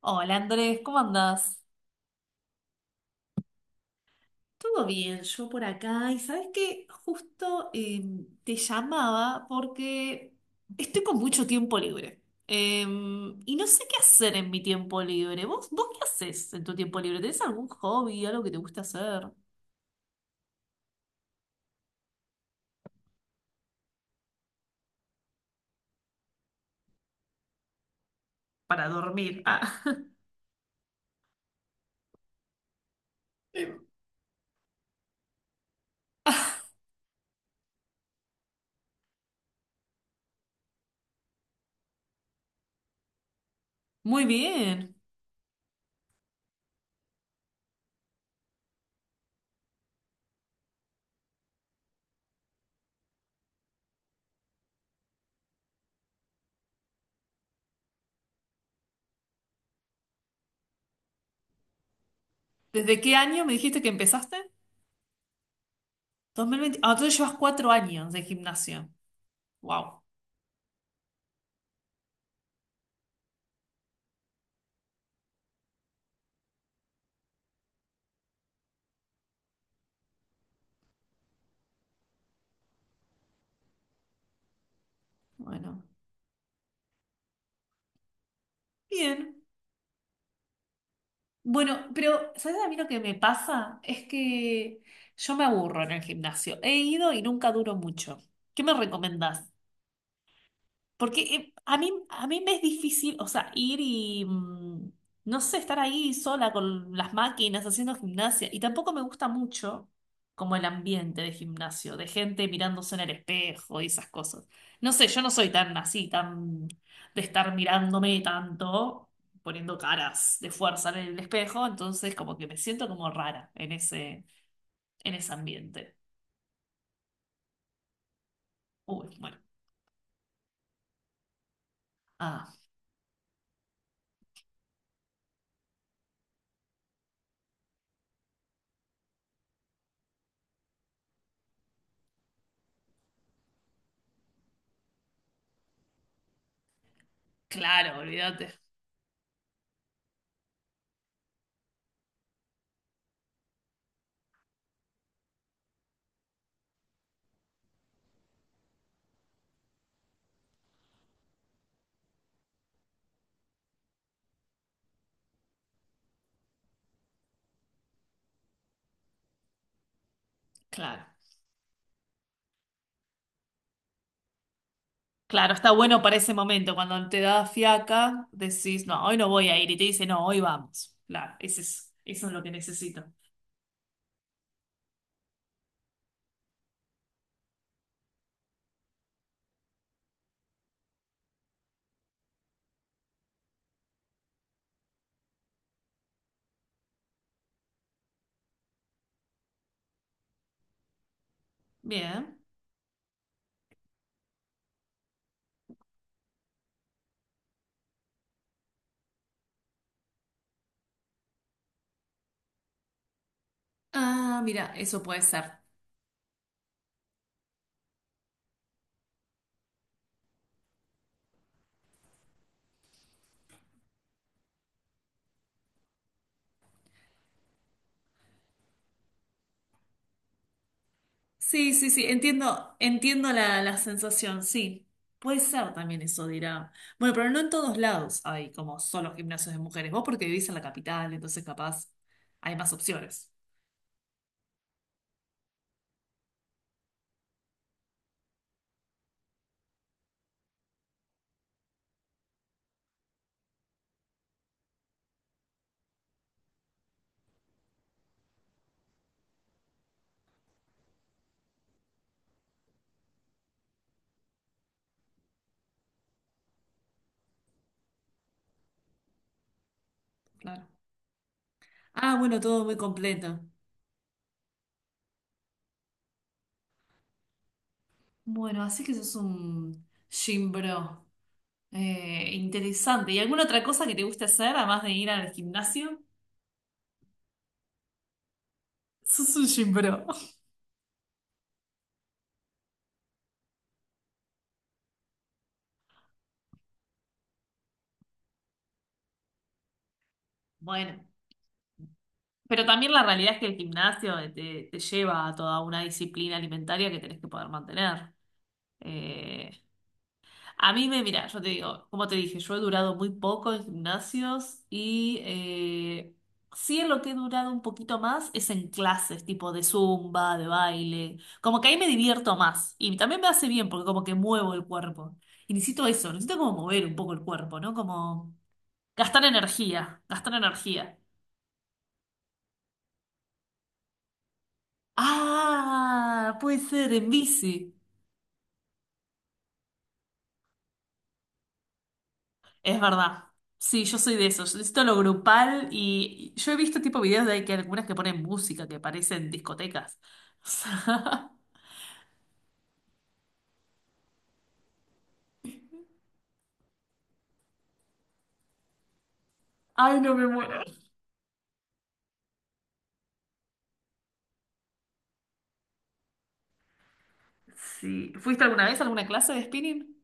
Hola Andrés, ¿cómo andás? Todo bien, yo por acá. Y sabes que justo te llamaba porque estoy con mucho tiempo libre. Y no sé qué hacer en mi tiempo libre. ¿Vos qué haces en tu tiempo libre? ¿Tenés algún hobby, algo que te guste hacer? Para dormir. Ah. Muy bien. ¿Desde qué año me dijiste que empezaste? 2020. Ah, entonces llevas 4 años de gimnasio. Wow. Bueno, bien. Bueno, pero ¿sabes a mí lo que me pasa? Es que yo me aburro en el gimnasio. He ido y nunca duro mucho. ¿Qué me recomendás? Porque a mí me es difícil, o sea, ir y no sé, estar ahí sola con las máquinas haciendo gimnasia. Y tampoco me gusta mucho como el ambiente de gimnasio, de gente mirándose en el espejo y esas cosas. No sé, yo no soy tan así, tan de estar mirándome tanto, poniendo caras de fuerza en el espejo, entonces como que me siento como rara en ese ambiente. Uy, bueno. Ah, claro, olvídate. Claro. Claro, está bueno para ese momento, cuando te da fiaca, decís, no, hoy no voy a ir, y te dice, no, hoy vamos. Claro, ese es, eso es lo que necesito. Bien. Ah, mira, eso puede ser. Sí, sí, sí, entiendo, entiendo la sensación, sí. Puede ser también eso, dirá. Bueno, pero no en todos lados hay como solo gimnasios de mujeres. Vos porque vivís en la capital, entonces capaz hay más opciones. Claro. Ah, bueno, todo muy completo. Bueno, así que sos un gym bro. Interesante. ¿Y alguna otra cosa que te guste hacer, además de ir al gimnasio? Sos un gym bro. Bueno, pero también la realidad es que el gimnasio te lleva a toda una disciplina alimentaria que tenés que poder mantener. Eh, mira, yo te digo, como te dije, yo he durado muy poco en gimnasios y sí en lo que he durado un poquito más es en clases, tipo de zumba, de baile, como que ahí me divierto más y también me hace bien porque como que muevo el cuerpo. Y necesito eso, necesito como mover un poco el cuerpo, ¿no? Como gastar energía, gastar energía. Ah, puede ser en bici. Es verdad. Sí, yo soy de eso. Yo necesito lo grupal y yo he visto tipo videos de ahí que algunas que ponen música que parecen discotecas. O sea, ay, no me muero. Sí. ¿Fuiste alguna vez a alguna clase de spinning?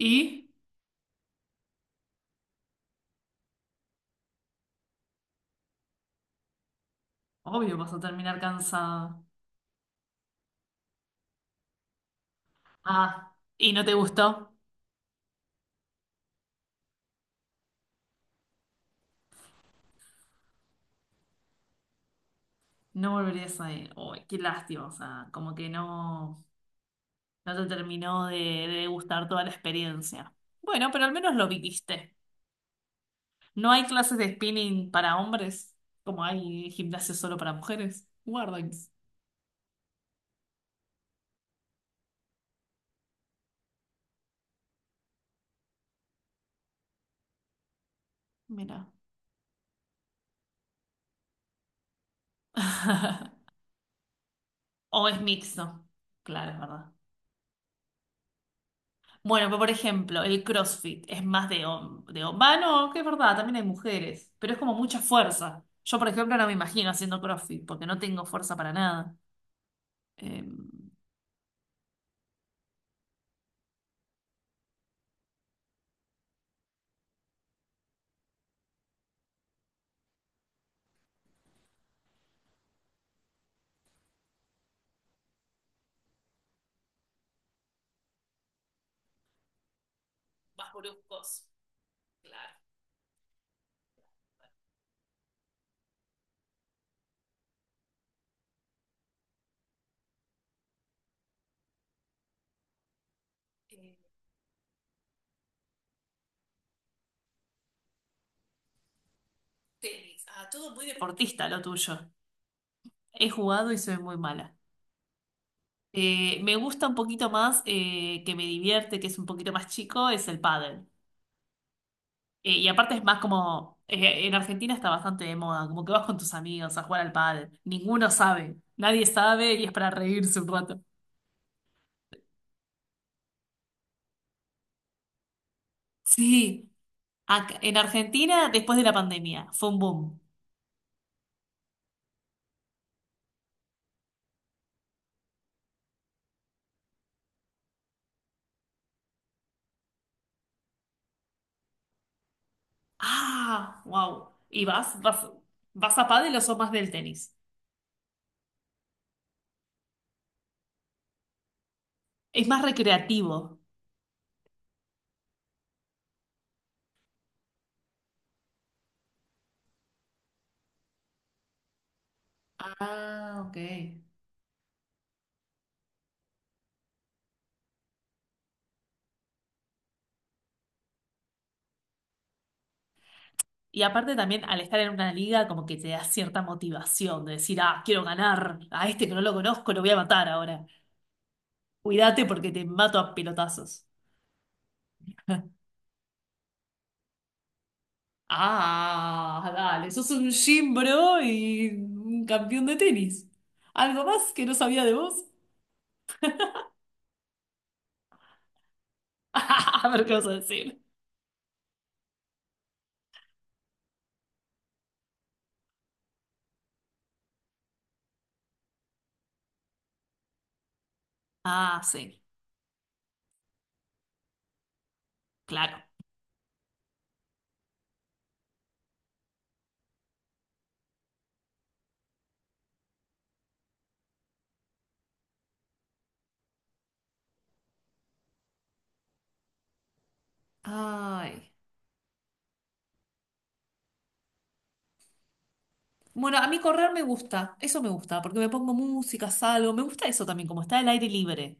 Y obvio vas a terminar cansada. Ah, ¿y no te gustó? No volverías a ir. Uy, qué lástima. O sea, como que no, no te terminó de gustar toda la experiencia. Bueno, pero al menos lo viviste. No hay clases de spinning para hombres, como hay gimnasia solo para mujeres. Guardians. Mira. O es mixto. Claro, es verdad. Bueno, pero por ejemplo, el CrossFit es más Va, no, que es verdad, también hay mujeres, pero es como mucha fuerza. Yo, por ejemplo, no me imagino haciendo CrossFit porque no tengo fuerza para nada. Eh, más bruscos, claro. Eh, Tenis, ah, todo muy deportista lo tuyo. He jugado y soy muy mala. Me gusta un poquito más, que me divierte, que es un poquito más chico, es el pádel. Y aparte es más como, en Argentina está bastante de moda, como que vas con tus amigos a jugar al pádel. Ninguno sabe, nadie sabe y es para reírse un rato. Sí, ac- en Argentina después de la pandemia fue un boom. Ah, wow. ¿Y vas a pádel o sos más del tenis? Es más recreativo. Ah, ok. Y aparte también al estar en una liga como que te da cierta motivación de decir, ah, quiero ganar, a este que no lo conozco lo voy a matar ahora. Cuídate porque te mato a pelotazos. Ah, dale, sos un gym bro y un campeón de tenis. ¿Algo más que no sabía de vos? A ver qué vas a decir. Ah, sí, claro. Ay. Bueno, a mí correr me gusta, eso me gusta, porque me pongo música, salgo, me gusta eso también, como está el aire libre.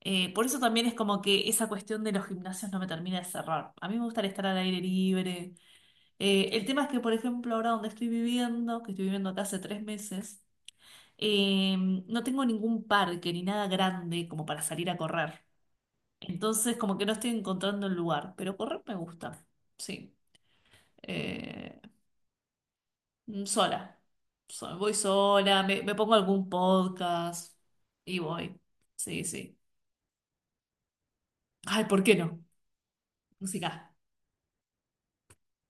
Por eso también es como que esa cuestión de los gimnasios no me termina de cerrar. A mí me gustaría estar al aire libre. El tema es que, por ejemplo, ahora donde estoy viviendo, que estoy viviendo acá hace 3 meses, eh, no tengo ningún parque ni nada grande como para salir a correr. Entonces, como que no estoy encontrando el lugar, pero correr me gusta, sí. Eh, Sola. Voy sola, me pongo algún podcast y voy. Sí, sí. Ay, ¿por qué no? Música.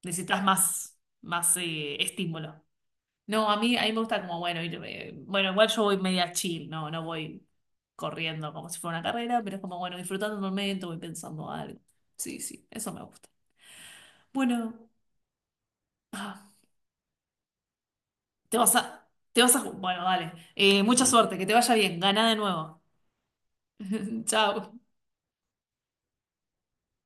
Necesitas más estímulo. No, a mí me gusta como, bueno, ir, bueno, igual yo voy media chill, no, no voy corriendo como si fuera una carrera, pero es como, bueno, disfrutando el momento, voy pensando algo. Sí, sí, eso me gusta. Bueno, ah, te vas a, te vas a, bueno, dale. Mucha suerte, que te vaya bien, gana de nuevo. Chao.